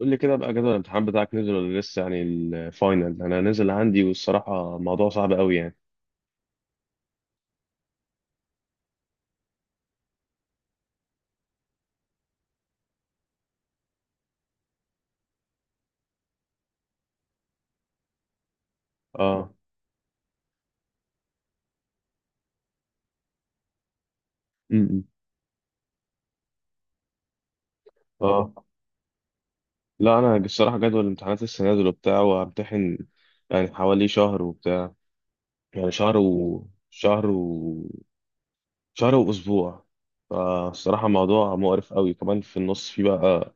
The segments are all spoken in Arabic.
قول لي كده بقى جدول الامتحان بتاعك نزل ولا لسه، يعني الفاينل انا نزل عندي والصراحه موضوع صعب قوي يعني. اه. امم اه. لا انا الصراحه جدول الامتحانات لسه نازل وبتاع وهمتحن، يعني حوالي شهر وبتاع، يعني شهر واسبوع. فالصراحه موضوع مقرف قوي، كمان في النص في بقى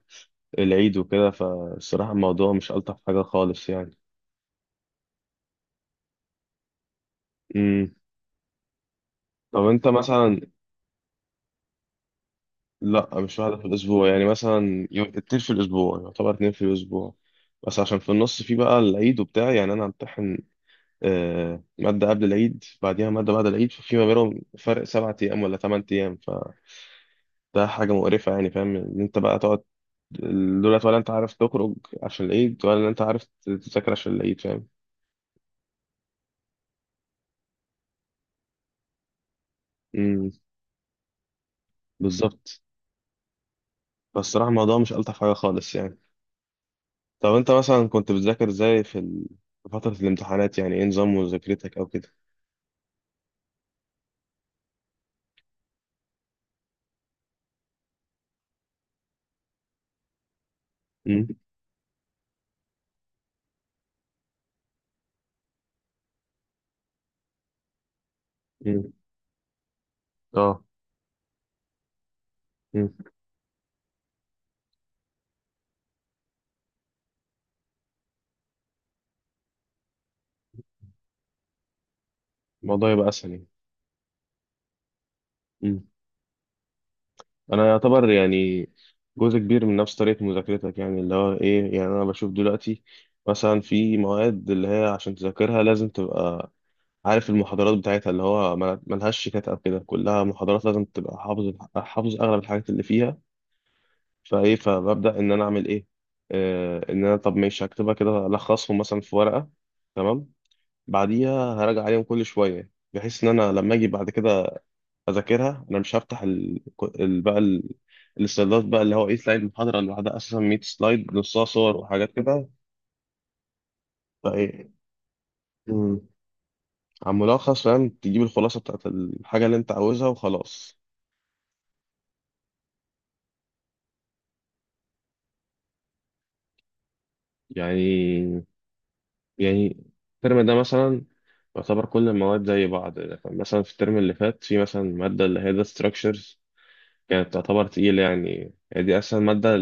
العيد وكده، فالصراحه الموضوع مش الطف حاجه خالص يعني. امم طب انت مثلا. لا مش واحدة في الأسبوع، يعني مثلا يوم اتنين في الأسبوع، يعتبر اتنين في الأسبوع بس عشان في النص في بقى العيد وبتاع، يعني أنا همتحن مادة قبل العيد، بعديها مادة بعد العيد، ففي ما بينهم فرق 7 أيام ولا 8 أيام، فده حاجة مقرفة يعني، فاهم إن أنت بقى تقعد دولت ولا أنت عارف تخرج عشان العيد ولا أنت عارف تذاكر عشان العيد، فاهم. امم بالظبط. بس الصراحة الموضوع مش ألطف حاجة خالص يعني. طب أنت مثلا كنت بتذاكر إزاي في في فترة الامتحانات يعني، إيه نظام مذاكرتك أو كده؟ مم. مم. اه. مم. الموضوع يبقى اسهل يعني. مم. انا يعتبر يعني جزء كبير من نفس طريقه مذاكرتك، يعني اللي هو ايه، يعني انا بشوف دلوقتي مثلا في مواد اللي هي عشان تذاكرها لازم تبقى عارف المحاضرات بتاعتها، اللي هو ملهاش شيتات او كده، كلها محاضرات لازم تبقى حافظ حافظ اغلب الحاجات اللي فيها. فايه، فببدا ان انا اعمل ايه. آه ان انا، طب ماشي، هكتبها كده، الخصهم مثلا في ورقه، تمام. بعديها هراجع عليهم كل شويه بحيث ان انا لما اجي بعد كده اذاكرها انا مش هفتح ال... بقى ال... السلايدات بقى، اللي هو ايه، سلايد المحاضره اللي بعدها اساسا 100 سلايد نصها صور وحاجات كده. فايه. مم. على الملخص، فاهم، تجيب الخلاصه بتاعت الحاجه اللي انت عاوزها وخلاص. يعني يعني الترم ده مثلا يعتبر كل المواد زي بعض، يعني مثلا في الترم اللي فات في مثلا ماده اللي هي داتا ستراكشرز كانت تعتبر تقيله، يعني هي دي اسهل ماده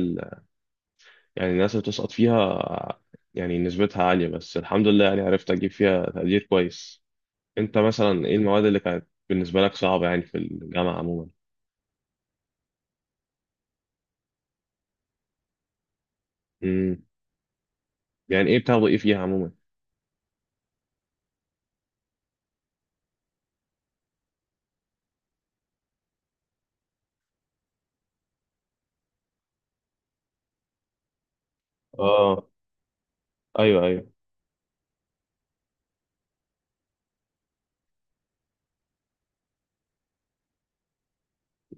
يعني الناس اللي بتسقط فيها يعني نسبتها عالية، بس الحمد لله يعني عرفت أجيب فيها تقدير كويس. أنت مثلا إيه المواد اللي كانت بالنسبة لك صعبة يعني في الجامعة عموما؟ امم يعني إيه بتاخدوا إيه فيها عموما؟ آه. أيوه أيوه.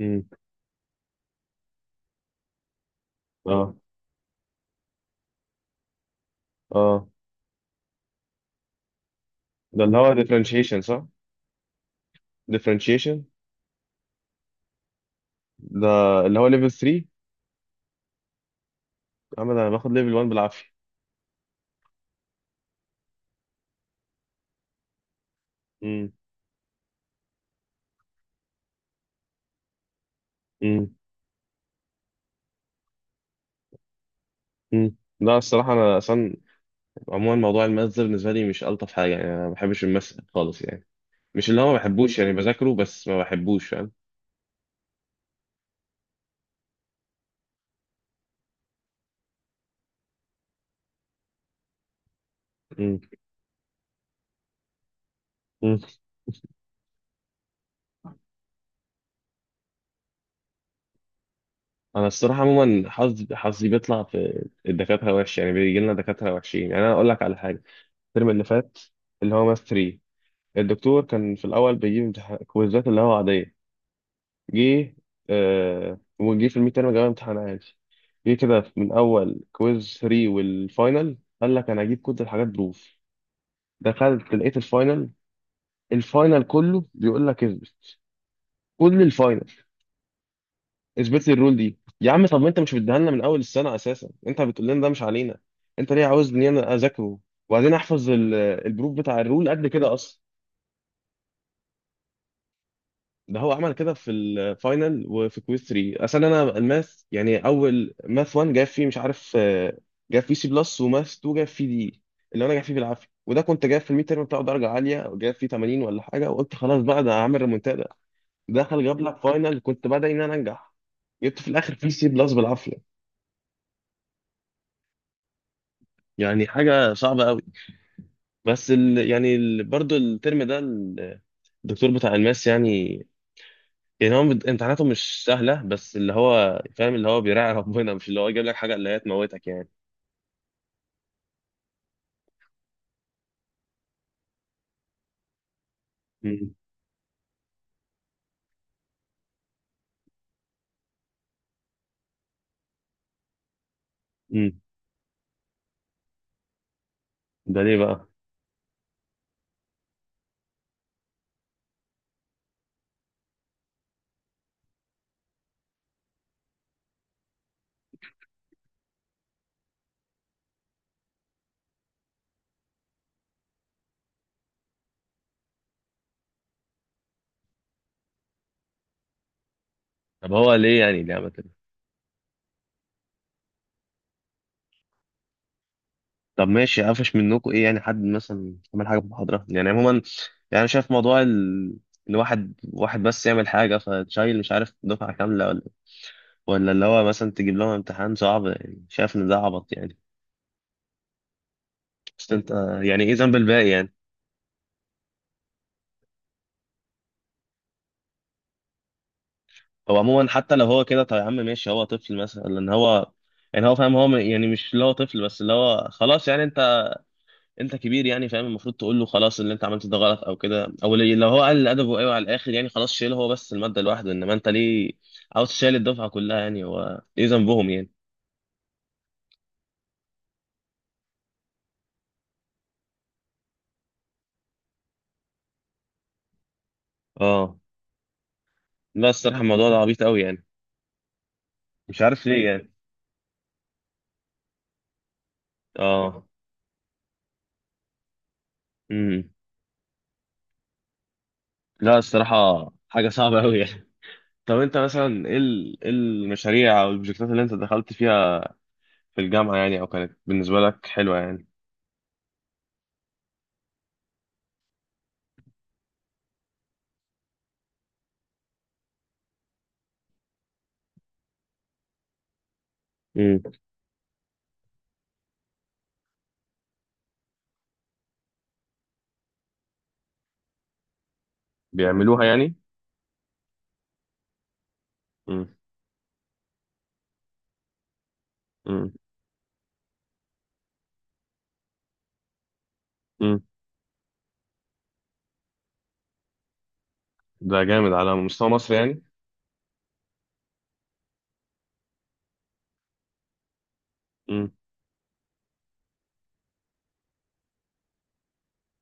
امم آه. آه. ده اللي هو differentiation، صح؟ differentiation. ده اللي هو level 3. أما ده أنا باخد level 1 بالعافية. امم امم لا الصراحة أنا أصلا عموما موضوع الماس ده بالنسبة لي مش ألطف حاجة، يعني أنا ما بحبش الماس خالص يعني، مش اللي هو ما بحبوش يعني، بذاكره بس ما بحبوش، فاهم. مم. مم. انا الصراحه عموما حظي بيطلع في الدكاتره وحش، يعني بيجي لنا دكاتره وحشين. يعني انا اقول لك على حاجه، الترم اللي فات اللي هو ماث 3، الدكتور كان في الاول بيجيب امتحان كويزات اللي هو عاديه. جه وجه في الميد تيرم جاب امتحان عادي. جه كده من اول كويز 3 والفاينل قال لك انا هجيب كل الحاجات بروف. دخلت لقيت الفاينل، الفاينل كله بيقول لك اثبت، كل الفاينل اثبت لي الرول دي يا عم. طب ما انت مش بتديها لنا من اول السنه اساسا، انت بتقول لنا ده مش علينا، انت ليه عاوزني انا اذاكره؟ وبعدين احفظ البروف بتاع الرول قد كده اصلا؟ ده هو عمل كده في الفاينل وفي كويز 3. اصل انا الماث يعني، اول ماث 1 جاب فيه مش عارف، جاب فيه سي بلس، وماث 2 جاب فيه دي اللي انا جاب فيه بالعافيه، وده كنت جايب في الميد تيرم بتاعه درجه عاليه، جايب فيه 80 ولا حاجه، وقلت خلاص بقى ده هعمل ريمونتادا. دخل جاب لك فاينل كنت بدعي ان انا انجح، جبت في الاخر فيه سي بلس بالعافيه. يعني حاجة صعبة قوي. بس برضو الترم ده الدكتور بتاع الماس، يعني، يعني هو امتحاناته مش سهلة، بس اللي هو فاهم، اللي هو بيراعي ربنا، مش اللي هو يجيب لك حاجة اللي هي تموتك يعني. امم امم ده ليه بقى؟ طب هو ليه، يعني ليه عمل كده؟ طب ماشي قفش منكم ايه يعني، حد مثلا عمل حاجة في المحاضرة يعني عموما؟ يعني أنا شايف موضوع ان واحد واحد بس يعمل حاجة فتشيل مش عارف دفعة كاملة، ولا اللي هو مثلا تجيب لهم امتحان صعب، يعني شايف ان ده عبط يعني. بس انت، يعني ايه ذنب الباقي يعني. هو عموما حتى لو هو كده، طب يا عم ماشي هو طفل مثلا، لان هو يعني هو فاهم، هو يعني مش اللي هو طفل، بس اللي هو خلاص، يعني انت كبير يعني فاهم، المفروض تقول له خلاص اللي انت عملته ده غلط او كده، او لو هو قال ادبه، ايوه على الاخر يعني خلاص، شيله هو بس الماده لوحده، انما انت ليه عاوز تشيل الدفعه كلها يعني، هو ايه ذنبهم يعني. اه. لا الصراحه الموضوع ده عبيط قوي يعني. مش عارف ليه يعني. اه. امم لا الصراحه حاجه صعبه قوي يعني. طب انت مثلا ايه إيه المشاريع او البروجكتات اللي انت دخلت فيها في الجامعة يعني، او كانت بالنسبة لك حلوة يعني؟ امم بيعملوها يعني. امم امم امم ده جامد على مستوى مصر يعني. امم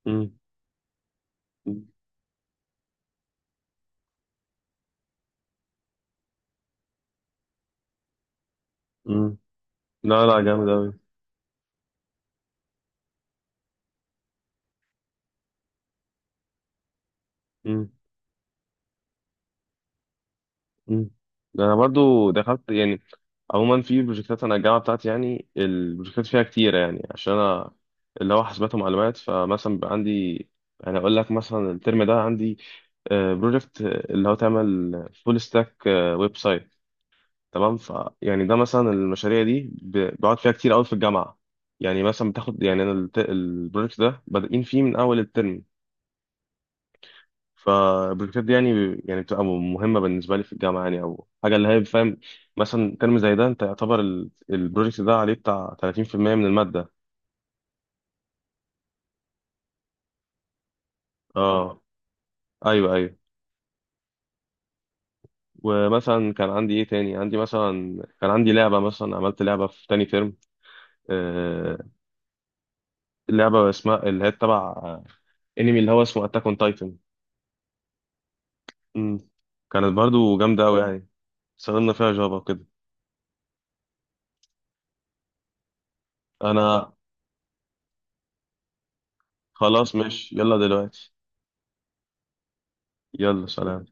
امم امم لا لا جامد اوي. مم. ده انا برضو دخلت يعني عموما في بروجكتات، انا الجامعه بتاعتي يعني البروجكتات فيها كتيره، يعني عشان انا اللي هو حاسبات ومعلومات، فمثلا بقى عندي، يعني اقول لك مثلا الترم ده عندي بروجكت اللي هو تعمل فول ستاك ويب سايت، تمام. ف يعني ده مثلا المشاريع دي بقعد فيها كتير قوي في الجامعه. يعني مثلا بتاخد، يعني انا البروجكت ده بادئين فيه من اول الترم. فالبروجكتات دي يعني بتبقى مهمة بالنسبة لي في الجامعة يعني، أو حاجة اللي هي فاهم. مثلا ترم زي ده أنت يعتبر البروجكت ده عليه بتاع 30% من المادة. اه. أيوه أيوه. ومثلا كان عندي إيه تاني، عندي مثلا كان عندي لعبة، مثلا عملت لعبة في تاني ترم. آه. لعبة اسمها اللي هي تبع انمي اللي هو اسمه أتاك أون تايتن. كانت برضو جامدة أوي يعني، استخدمنا فيها جافا وكده. أنا خلاص ماشي يلا دلوقتي. يلا سلام.